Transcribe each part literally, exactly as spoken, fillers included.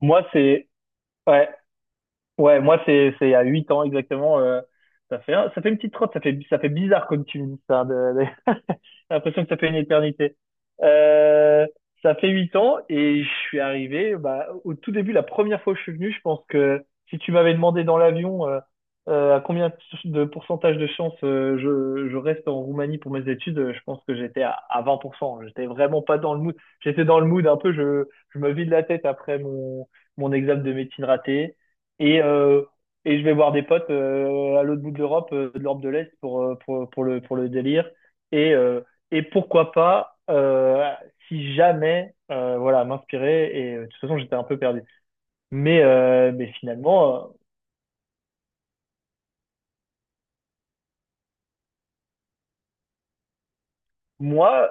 Moi, c'est ouais, Ouais, moi, c'est, c'est il y a 8 ans exactement. euh, ça fait, ça fait une petite trotte, ça fait, ça fait bizarre comme tu me dis ça. de- de- J'ai l'impression que ça fait une éternité. Euh, Ça fait huit ans et je suis arrivé, bah, au tout début. La première fois que je suis venu, je pense que si tu m'avais demandé dans l'avion euh, euh, à combien de pourcentage de chance euh, je, je reste en Roumanie pour mes études, euh, je pense que j'étais à, à vingt pour cent. J'étais vraiment pas dans le mood. J'étais dans le mood un peu, je, je me vide la tête après mon, mon examen de médecine raté. Et, euh, et je vais voir des potes euh, à l'autre bout de l'Europe, euh, de l'Europe de l'Est, pour, euh, pour, pour le, pour le délire. Et, euh, et pourquoi pas, euh, si jamais, euh, voilà, m'inspirer. Et euh, de toute façon, j'étais un peu perdu. Mais, euh, mais finalement, euh, moi,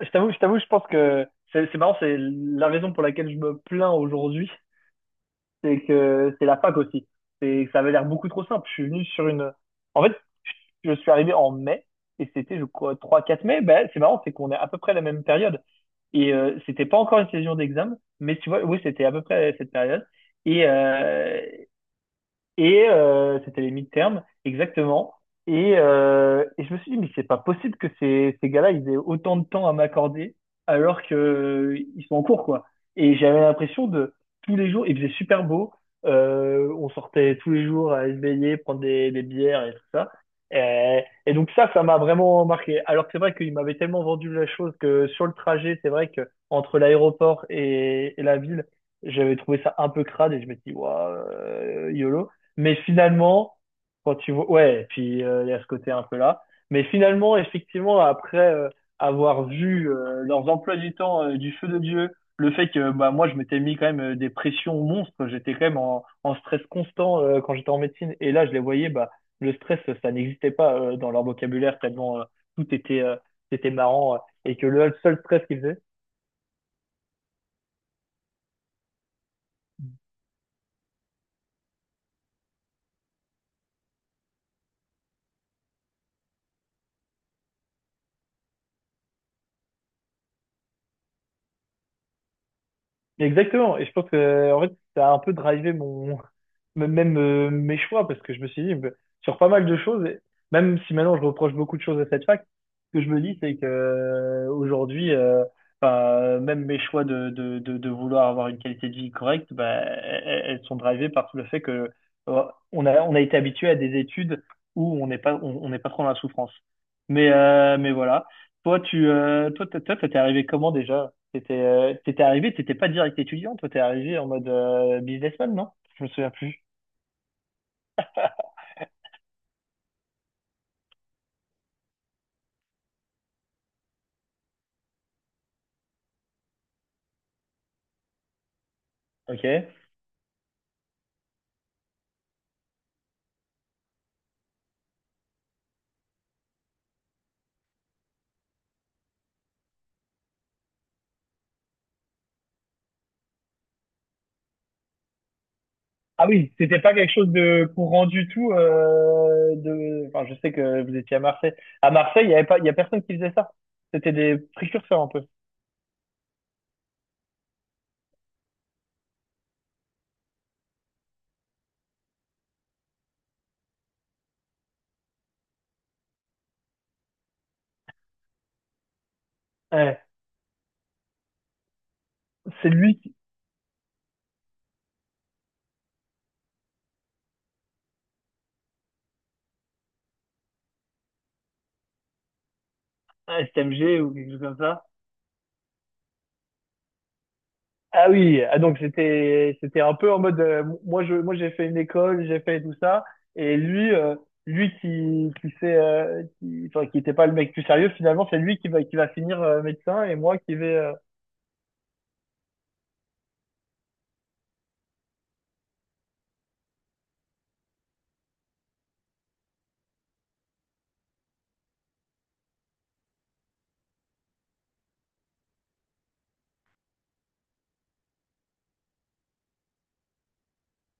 je t'avoue, je t'avoue, je pense que c'est c'est marrant, c'est la raison pour laquelle je me plains aujourd'hui, c'est que c'est la fac aussi. C'est que ça avait l'air beaucoup trop simple. Je suis venu sur une. En fait, je suis arrivé en mai et c'était, je crois, trois quatre mai. Ben c'est marrant, c'est qu'on est à peu près à la même période, et euh, c'était pas encore une saison d'examen, mais tu vois, oui, c'était à peu près cette période. et euh, et euh, C'était les mid-terms, exactement. Et, euh, et je me suis dit, mais c'est pas possible que ces, ces gars-là, ils aient autant de temps à m'accorder alors que euh, ils sont en cours, quoi. Et j'avais l'impression de tous les jours, il faisait super beau. Euh, on sortait tous les jours à se baigner, prendre des, des bières et tout ça. Et, et donc ça, ça m'a vraiment marqué. Alors que c'est vrai qu'il m'avait tellement vendu la chose que sur le trajet, c'est vrai que entre l'aéroport et, et la ville, j'avais trouvé ça un peu crade et je me suis dit, waouh, euh, YOLO. Mais finalement, quand tu vois, ouais, puis euh, il y a ce côté un peu là. Mais finalement, effectivement, après euh, avoir vu euh, leurs emplois du temps euh, du feu de Dieu, le fait que bah, moi, je m'étais mis quand même euh, des pressions monstres, j'étais quand même en, en stress constant euh, quand j'étais en médecine. Et là, je les voyais, bah, le stress, ça n'existait pas euh, dans leur vocabulaire, tellement euh, tout était, euh, c'était marrant, euh, et que le seul stress qu'ils faisaient. Exactement. Et je pense que, en fait, ça a un peu drivé mon, m- même euh, mes choix parce que je me suis dit, bah, sur pas mal de choses, et même si maintenant je reproche beaucoup de choses à cette fac, ce que je me dis, c'est que, euh, aujourd'hui, euh, bah, même mes choix de, de, de, de vouloir avoir une qualité de vie correcte, bah, elles, elles sont drivées par tout le fait que, euh, on a, on a été habitué à des études où on n'est pas, on, on n'est pas trop dans la souffrance. Mais, euh, mais voilà. Toi, tu, euh, toi, t'- toi, t'es arrivé comment déjà? T'étais, euh, t'étais arrivé, t'étais pas direct étudiant, toi t'es arrivé en mode euh, businessman, non? Je me souviens plus. Ok. Ah oui, c'était pas quelque chose de courant du tout. Euh, de... enfin, je sais que vous étiez à Marseille. À Marseille, il y avait pas, il y a personne qui faisait ça. C'était des précurseurs un peu. Ouais. C'est lui, qui- ouais, S T M G ou quelque chose comme ça. Ah oui, ah donc c'était c'était un peu en mode euh, moi je moi j'ai fait une école, j'ai fait tout ça et lui euh, lui qui qui s'est euh, qui, enfin qui était pas le mec plus sérieux finalement, c'est lui qui va qui va finir euh, médecin et moi qui vais euh,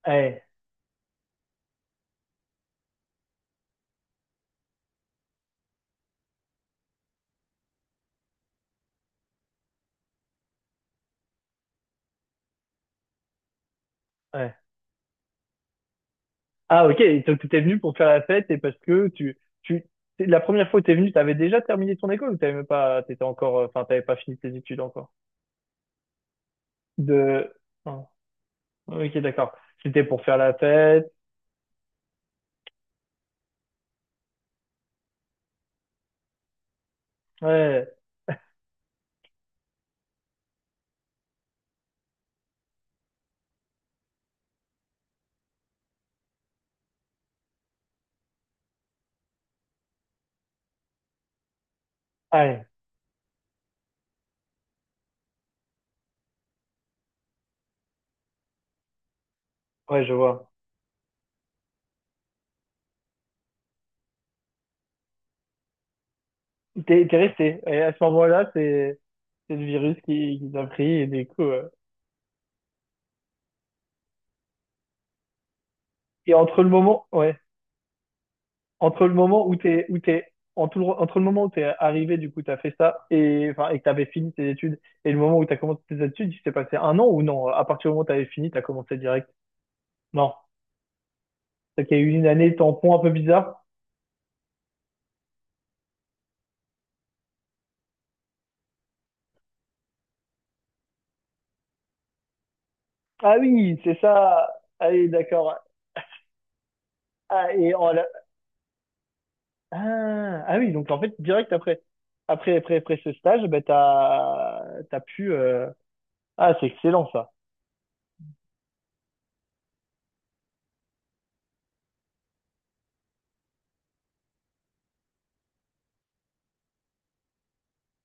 ouais, ouais. Ah OK, donc tu t'es venu pour faire la fête et parce que tu tu t'es- la première fois que t'es venu, t'avais déjà terminé ton école ou t'avais même pas t'étais encore euh, enfin t'avais pas fini tes études encore. De Ah, OK, d'accord. C'était pour faire la fête. Ouais. Ouais, ouais, je vois. T'es t'es resté. Et à ce moment-là, c'est c'est le virus qui, qui t'a pris et du coup. euh, Et entre le moment, ouais, entre le moment où t'es où t'es entre le, entre le moment où t'es arrivé, du coup, t'as fait ça et enfin et que t'avais fini tes études et le moment où t'as commencé tes études, il s'est passé un an ou non? À partir du moment où t'avais fini, t'as commencé direct. Non, donc il y a eu une année tampon un peu bizarre. Ah oui, c'est ça. Ah oui, d'accord. Ah et en la- ah, ah oui, donc en fait direct après après après après ce stage, ben t'as t'as pu euh, Ah, c'est excellent ça.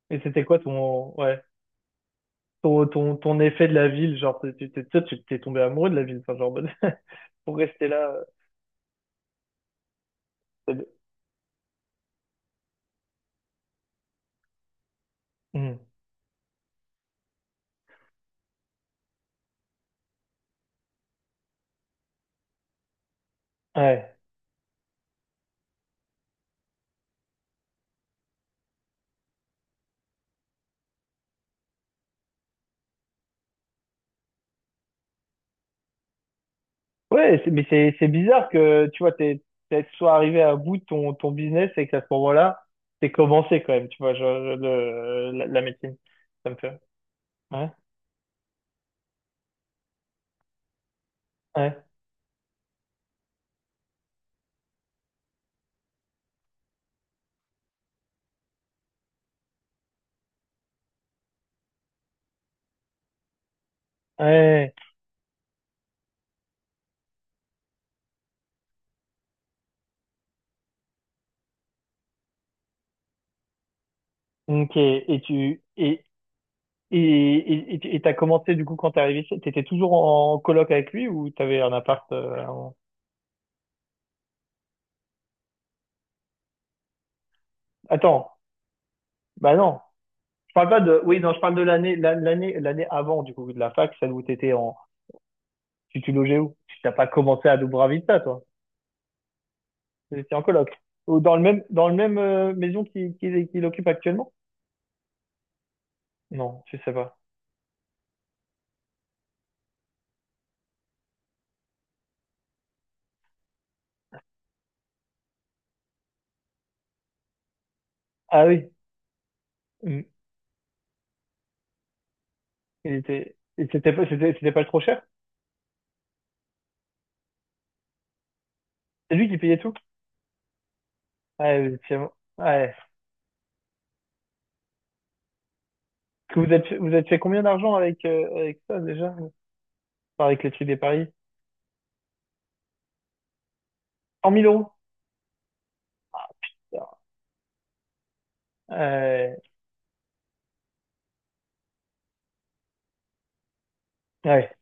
Et c'était quoi ton, ouais, ton, ton, ton effet de la ville? Genre, tu tu- tu- toi, tu t'es tombé amoureux de la ville, enfin, genre, pour rester là. euh, Hmm. Ouais. Ouais, c'est- mais c'est c'est bizarre que tu vois, t'es t'es soit arrivé à bout de ton, ton business et qu'à ce moment-là, t'es commencé quand même, tu vois, genre, le, la, la médecine. Ça me fait. Ouais. Ouais. Ouais. Ok, et tu et et et et tu- et t'as commencé du coup quand t'es arrivé, chez- t'étais toujours en coloc avec lui ou t'avais un appart euh, avant. Attends, bah non, je parle pas de. Oui, non, je parle de l'année la- l'année l'année avant du coup de la fac, celle où t'étais en. Tu tu logeais où? Tu t'as pas commencé à Dubravista, toi? T'étais en coloc ou dans le même dans le même euh, maison qu'il qu'il qu'il occupe actuellement? Non, je sais pas. Ah oui. Hmm. il était il- c'était pas c'était c'était pas trop cher? C'est lui qui payait tout? Ouais, effectivement. Ouais. Que vous êtes, vous êtes fait combien d'argent avec, euh, avec ça déjà? Enfin, avec les trucs des paris? 100 000 euros? Euh, ouais,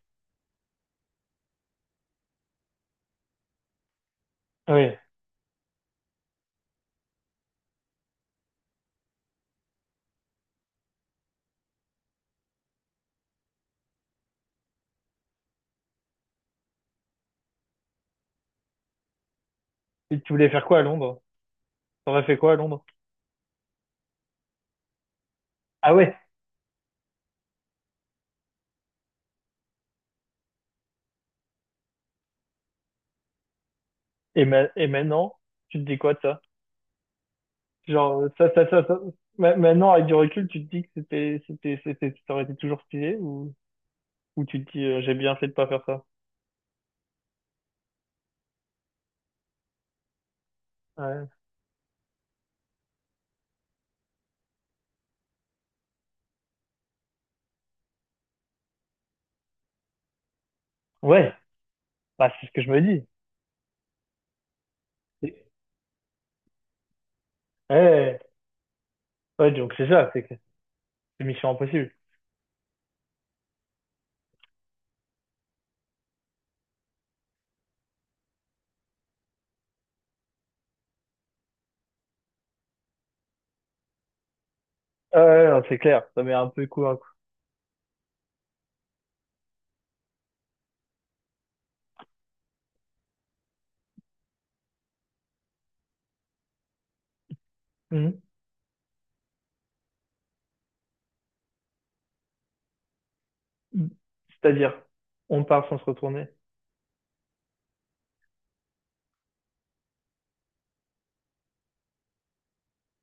ouais. Et tu voulais faire quoi à Londres? T'aurais fait quoi à Londres? Ah ouais. Et, ma- et maintenant, tu te dis quoi de ça? Genre, euh, ça, ça, ça, ça. ma- Maintenant, avec du recul, tu te dis que c'était, c'était, c'était, ça aurait été toujours stylé, ou, ou tu te dis, euh, j'ai bien fait de pas faire ça? Ouais. Ouais. Bah, c'est ce que je me dis. Ouais. Ouais, ouais. Ouais, donc c'est ça, c'est que c'est mission impossible. Ouais, ouais, non, c'est clair. Ça met un peu coup à coup. Mmh. C'est-à-dire, on part sans se retourner.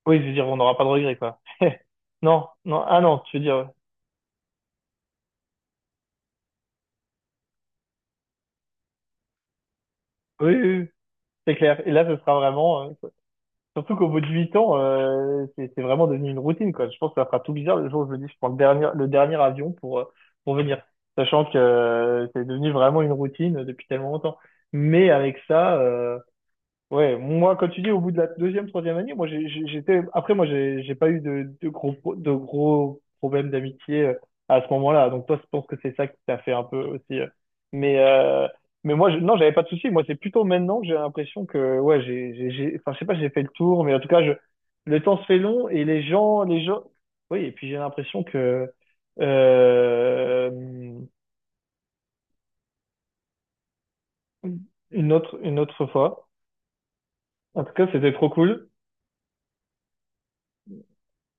Oui, je veux dire, on n'aura pas de regrets, quoi. Non, non, ah non, tu veux dire, oui, oui, oui, c'est clair. Et là, ce sera vraiment, euh, surtout qu'au bout de huit ans, euh, c'est c'est vraiment devenu une routine, quoi. Je pense que ça fera tout bizarre le jour où je me dis, je prends le dernier, le dernier avion pour, euh, pour venir. Sachant que euh, c'est devenu vraiment une routine depuis tellement longtemps. Mais avec ça, euh, Ouais, moi, quand tu dis au bout de la deuxième, troisième année, moi, j'ai- j'ai- j'étais. Après, moi, j'ai j'ai pas eu de, de gros, pro- de gros problèmes d'amitié, euh, à ce moment-là. Donc, toi, je pense que c'est ça qui t'a fait un peu aussi. euh. Mais, euh, mais moi, je... non, j'avais pas de souci. Moi, c'est plutôt maintenant que j'ai l'impression que, ouais, j'ai, j'ai, j'ai- enfin, je sais pas, j'ai fait le tour, mais en tout cas, je... Le temps se fait long et les gens, les gens. Oui, et puis j'ai l'impression que euh... une autre, une autre fois. En tout cas, c'était trop cool.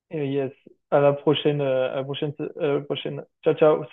Et yes, à la prochaine, euh, à la prochaine, euh, à la prochaine. Ciao, ciao.